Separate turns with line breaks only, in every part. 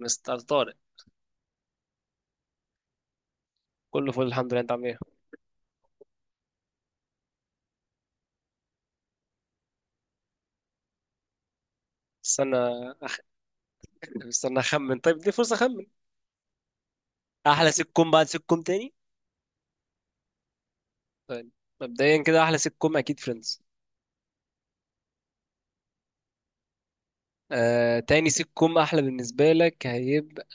مستر طارق، كله فل الحمد لله. انت عامل ايه؟ استنى استنى اخمن. طيب دي فرصه اخمن. احلى سيت كوم بعد سيت كوم تاني. طيب مبدئيا كده احلى سيت كوم اكيد فريندز. تاني سيت كوم احلى بالنسبه لك هيبقى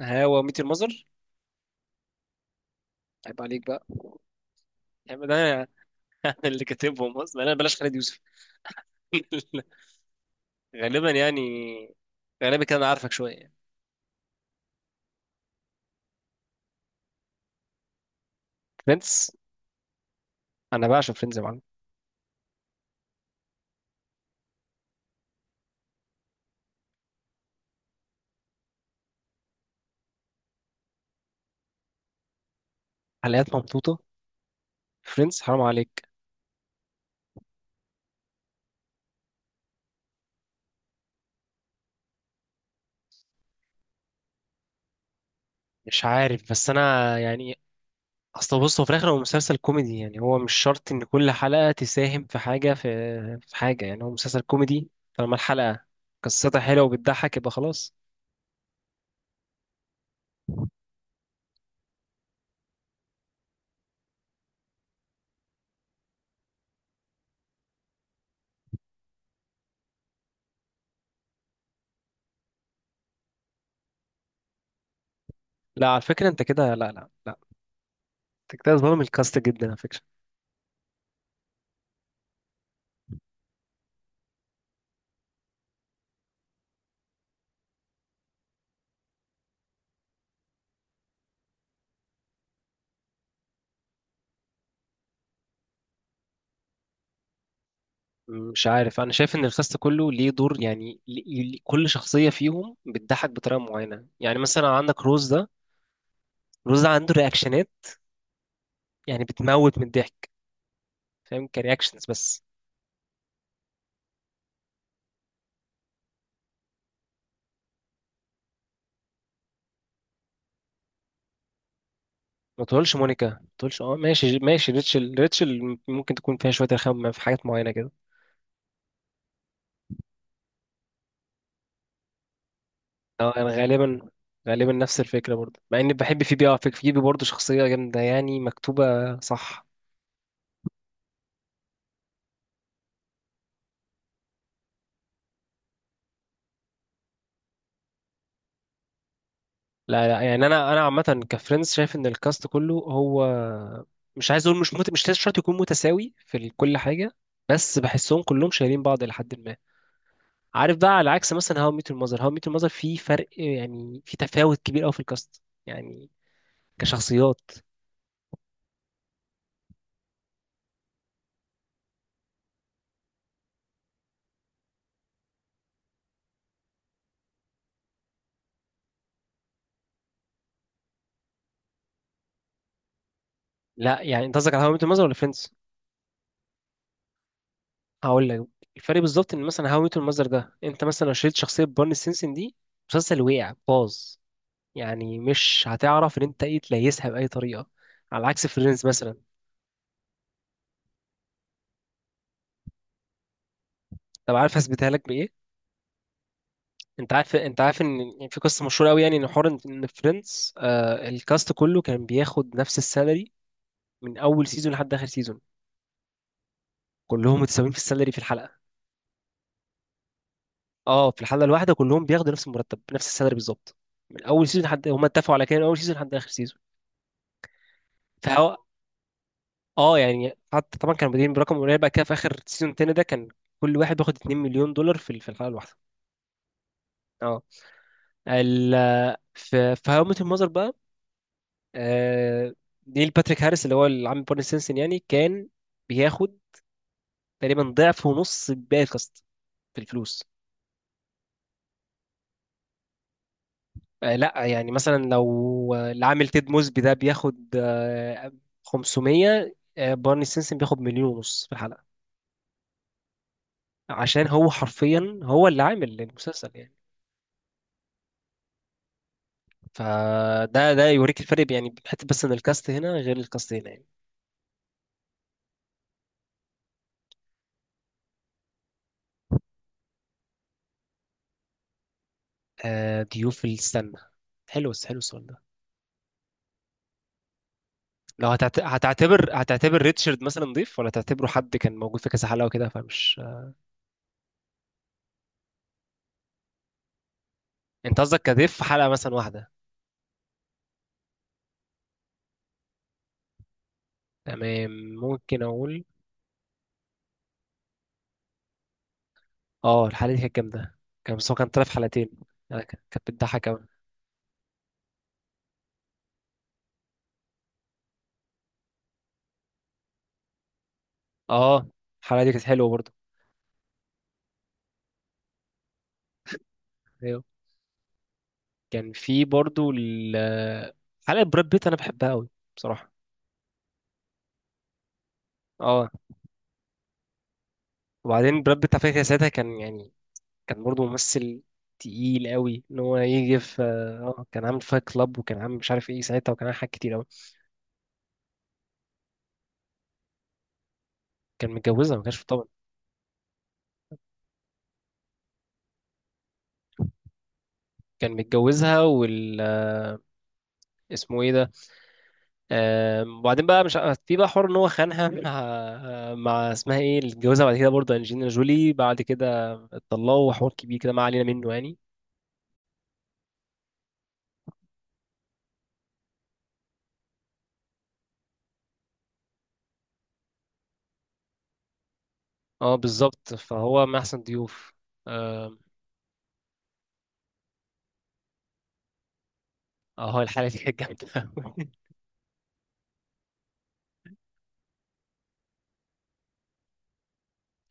هوا ميت المزر. عيب عليك بقى، عيب، ده انا أنا اللي كاتبهم اصلا، انا بلاش خالد يوسف. غالبا يعني، غالبا كده انا عارفك شويه يعني. فريندز، انا بعشق فريندز يا معلم. حلقات ممطوطه؟ فريندز حرام عليك. مش عارف، بس انا يعني اصل بص، هو في الاخر هو مسلسل كوميدي، يعني هو مش شرط ان كل حلقه تساهم في حاجه، في حاجه، يعني هو مسلسل كوميدي. طالما الحلقه قصتها حلوه وبتضحك يبقى خلاص. لا على فكره، انت كده لا لا لا، انت كده ظالم الكاست جدا على فكره. مش عارف، انا شايف ان الكاست كله ليه دور، يعني كل شخصيه فيهم بتضحك بطريقه معينه. يعني مثلا عندك روز ده عنده رياكشنات يعني بتموت من الضحك. فاهم؟ كرياكشنز بس. ما تقولش مونيكا، ما تقولش. اه ماشي ماشي، ريتشل. ريتشل ممكن تكون فيها شويه رخامه في حاجات معينه كده. اه انا غالبا نفس الفكره برضه، مع اني بحب فيبي. اه فيبي برضه شخصيه جامده يعني، مكتوبه صح. لا لا، يعني انا عامه كفريندز شايف ان الكاست كله هو، مش عايز اقول، مش لازم شرط يكون متساوي في كل حاجه، بس بحسهم كلهم شايلين بعض الى حد ما. عارف؟ بقى على عكس مثلا هاو ميت المذر. في فرق يعني، في تفاوت كبير قوي في الكاست يعني، كشخصيات. لا يعني انت قصدك على هاو ميت الماذر ولا فريندز؟ هقول لك الفرق بالظبط. ان مثلا هاو ميت الماذر ده، انت مثلا لو شلت شخصيه بارني سينسن دي، مسلسل وقع باظ، يعني مش هتعرف ان انت ايه تليسها باي طريقه. على عكس فريندز مثلا. طب عارف هثبتها لك بايه؟ انت عارف ان يعني في قصه مشهوره قوي، يعني ان حوار ان إن فريندز، الكاست كله كان بياخد نفس السالري من اول سيزون لحد اخر سيزون. كلهم متساويين في السالري في الحلقه. اه في الحلقه الواحده كلهم بياخدوا نفس المرتب، نفس السالري بالظبط. من اول سيزون لحد هم اتفقوا على كده من اول سيزون لحد اخر سيزون. فهو، اه يعني حتى طبعا كانوا بادئين برقم قليل، بقى كده في اخر سيزون التاني ده كان كل واحد بياخد 2 مليون دولار في في الحلقه الواحده. اه. ال في هاو ميت المذر بقى، آه نيل باتريك هاريس اللي هو العم بارني سينسن يعني كان بياخد تقريبا ضعف ونص باقي الكاست في الفلوس. لا يعني مثلا لو العامل تيد موزبي ده بياخد 500، بارني سينسن بياخد مليون ونص في الحلقة. عشان هو حرفيا هو اللي عامل المسلسل يعني. فده يوريك الفرق، يعني حتى بس ان الكاست هنا غير الكاست هنا يعني. ضيوف السنة، حلو، حلو السؤال ده. لو هتعتبر ريتشارد مثلا ضيف، ولا تعتبره حد كان موجود في كذا حلقة وكده فمش؟ انت قصدك كضيف في حلقة مثلا واحدة؟ تمام، ممكن اقول. اه الحلقة دي كانت جامدة. كان بس هو كان طلع في حلقتين. يعني كانت بتضحك أوي. اه الحلقة دي كانت حلوة برضه. أيوه، كان في برضه حلقة براد بيت، أنا بحبها أوي بصراحة. اه وبعدين براد بيت على فكرة ساعتها كان يعني كان برضه ممثل تقيل أوي إن هو يجي في. اه كان عامل فايت كلاب، وكان عامل مش عارف ايه ساعتها، وكان عامل حاجات كتير أوي. كان متجوزها ما كانش في، طبعا. كان متجوزها اسمه ايه ده. وبعدين بقى مش ع- في بقى حوار ان هو خانها مع مع اسمها ايه اللي اتجوزها بعد كده برضه، انجلينا جولي. بعد كده اتطلقوا وحوار كبير كده، ما علينا منه يعني. اه بالظبط فهو من احسن ضيوف. اه الحلقه دي كانت جامده أوي.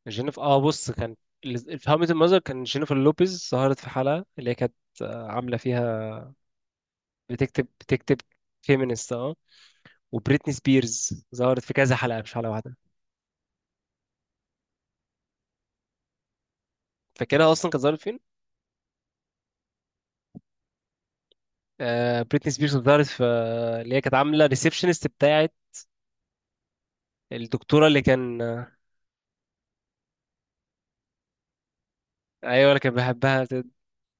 جينيفر، بص كان في هاو ميت المذر كان جينيفر لوبيز ظهرت في حلقه اللي هي كانت عامله فيها بتكتب فيمينست. اه وبريتني سبيرز ظهرت في كذا حلقه، مش حلقه واحده. فاكرها اصلا كانت ظهرت. بريتني سبيرز ظهرت في، اللي هي كانت عامله ريسبشنست بتاعت الدكتوره اللي كان. ايوه اللي كان بيحبها،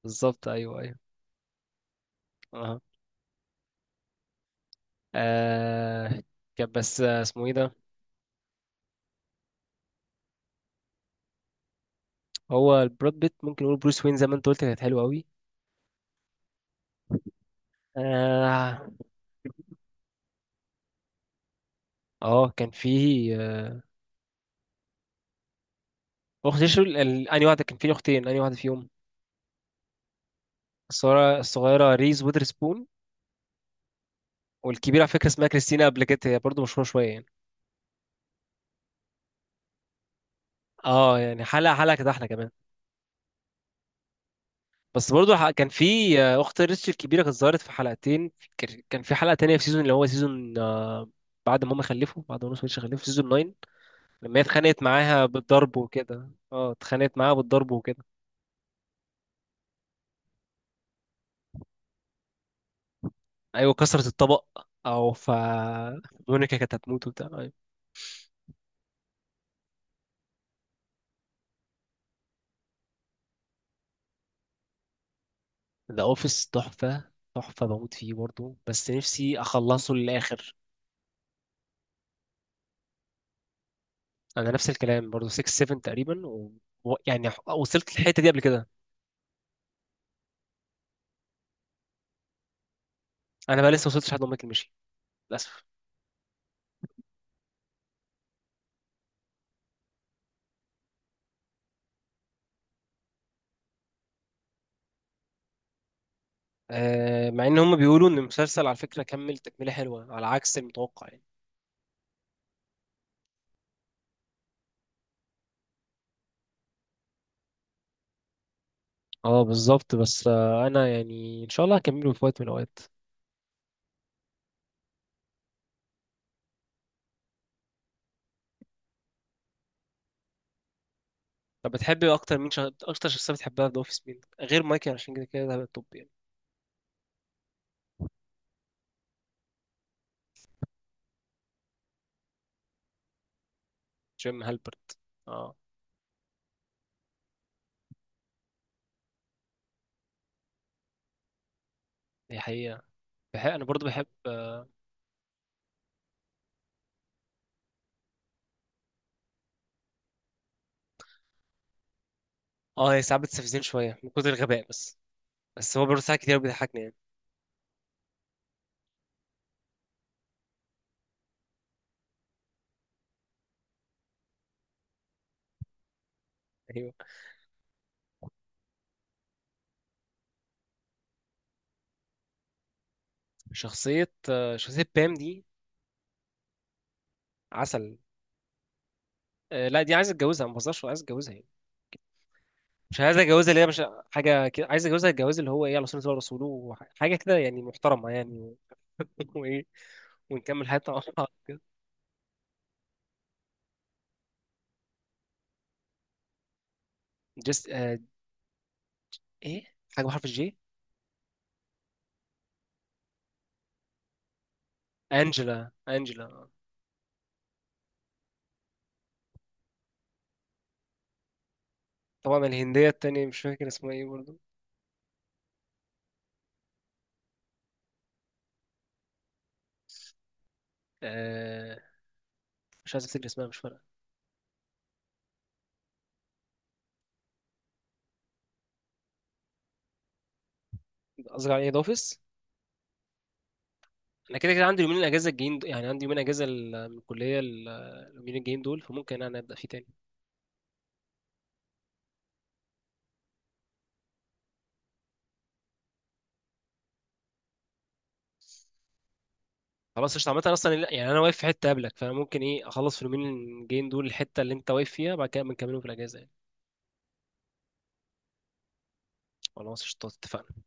بالظبط، ايوه، ايوه. اه آه، كان بس، اسمه ايه ده. هو البراد بيت ممكن نقول، بروس وين زي ما انت قلت كانت حلوه قوي. اه. اه كان فيه، اخت شو، انهي واحده؟ كان فيه اختين، انهي واحده فيهم؟ الصغيره، الصغيره ريز ويذرسبون. والكبيره على فكره اسمها كريستينا ابليكيت، هي برضه مشهوره شويه يعني. اه يعني حلقه كانت احلى كمان. بس برضو كان في، اخت ريتش الكبيره كانت ظهرت في حلقتين. كان في حلقه تانية في سيزون، اللي هو سيزون، بعد ما نص خلفوا، في سيزون 9 لما هي اتخانقت معاها بالضرب وكده. ايوه كسرت الطبق، او ف مونيكا كانت هتموت وبتاع. أيوة. ذا اوفيس تحفه، تحفه، بموت فيه برضو، بس نفسي اخلصه للاخر. انا نفس الكلام برضو، 6 7 تقريبا، يعني وصلت للحته دي قبل كده. انا بقى لسه ما وصلتش لحد ما مايكل مشي للاسف. مع ان هم بيقولوا ان المسلسل على فكرة كمل تكملة حلوة على عكس المتوقع يعني. اه بالظبط. بس انا يعني ان شاء الله هكمله في وقت من الاوقات. طب بتحب اكتر مين، اكتر شخصية بتحبها في ذا اوفيس مين غير مايكل؟ عشان كده ده هيبقى التوب يعني. جيم هالبرت، اه، دي حقيقة. انا برضو بحب. هي ساعات بتستفزني شوية من كتر الغباء بس. بس هو برضه ساعات كتير بيضحكني يعني. ايوه. شخصية بام دي عسل. لا دي عايز اتجوزها، ما بهزرش عايز اتجوزها يعني. مش عايز اتجوزها اللي هي مش حاجه كده، عايز اتجوزها الجواز اللي هو ايه، على سنه الله ورسوله، حاجه كده يعني محترمه يعني. وايه، ونكمل حياتنا مع بعض. جست، ايه حاجه بحرف الجي. انجلا، انجلا، آه. طبعا الهنديه التانيه مش فاكر اسمها ايه برضه. آه... مش عايز افتكر اسمها، مش فارقه. قصدي على ايه، ده اوفيس. انا كده كده عندي يومين الاجازه الجايين يعني عندي يومين اجازه من الكليه، اليومين الجايين دول، فممكن انا ابدا فيه تاني. خلاص قشطة. عامة أصلا يعني أنا واقف في حتة قبلك، فأنا ممكن إيه أخلص في اليومين الجايين دول الحتة اللي أنت واقف فيها، بعد كده بنكملهم في الأجازة يعني. خلاص قشطة، اتفقنا.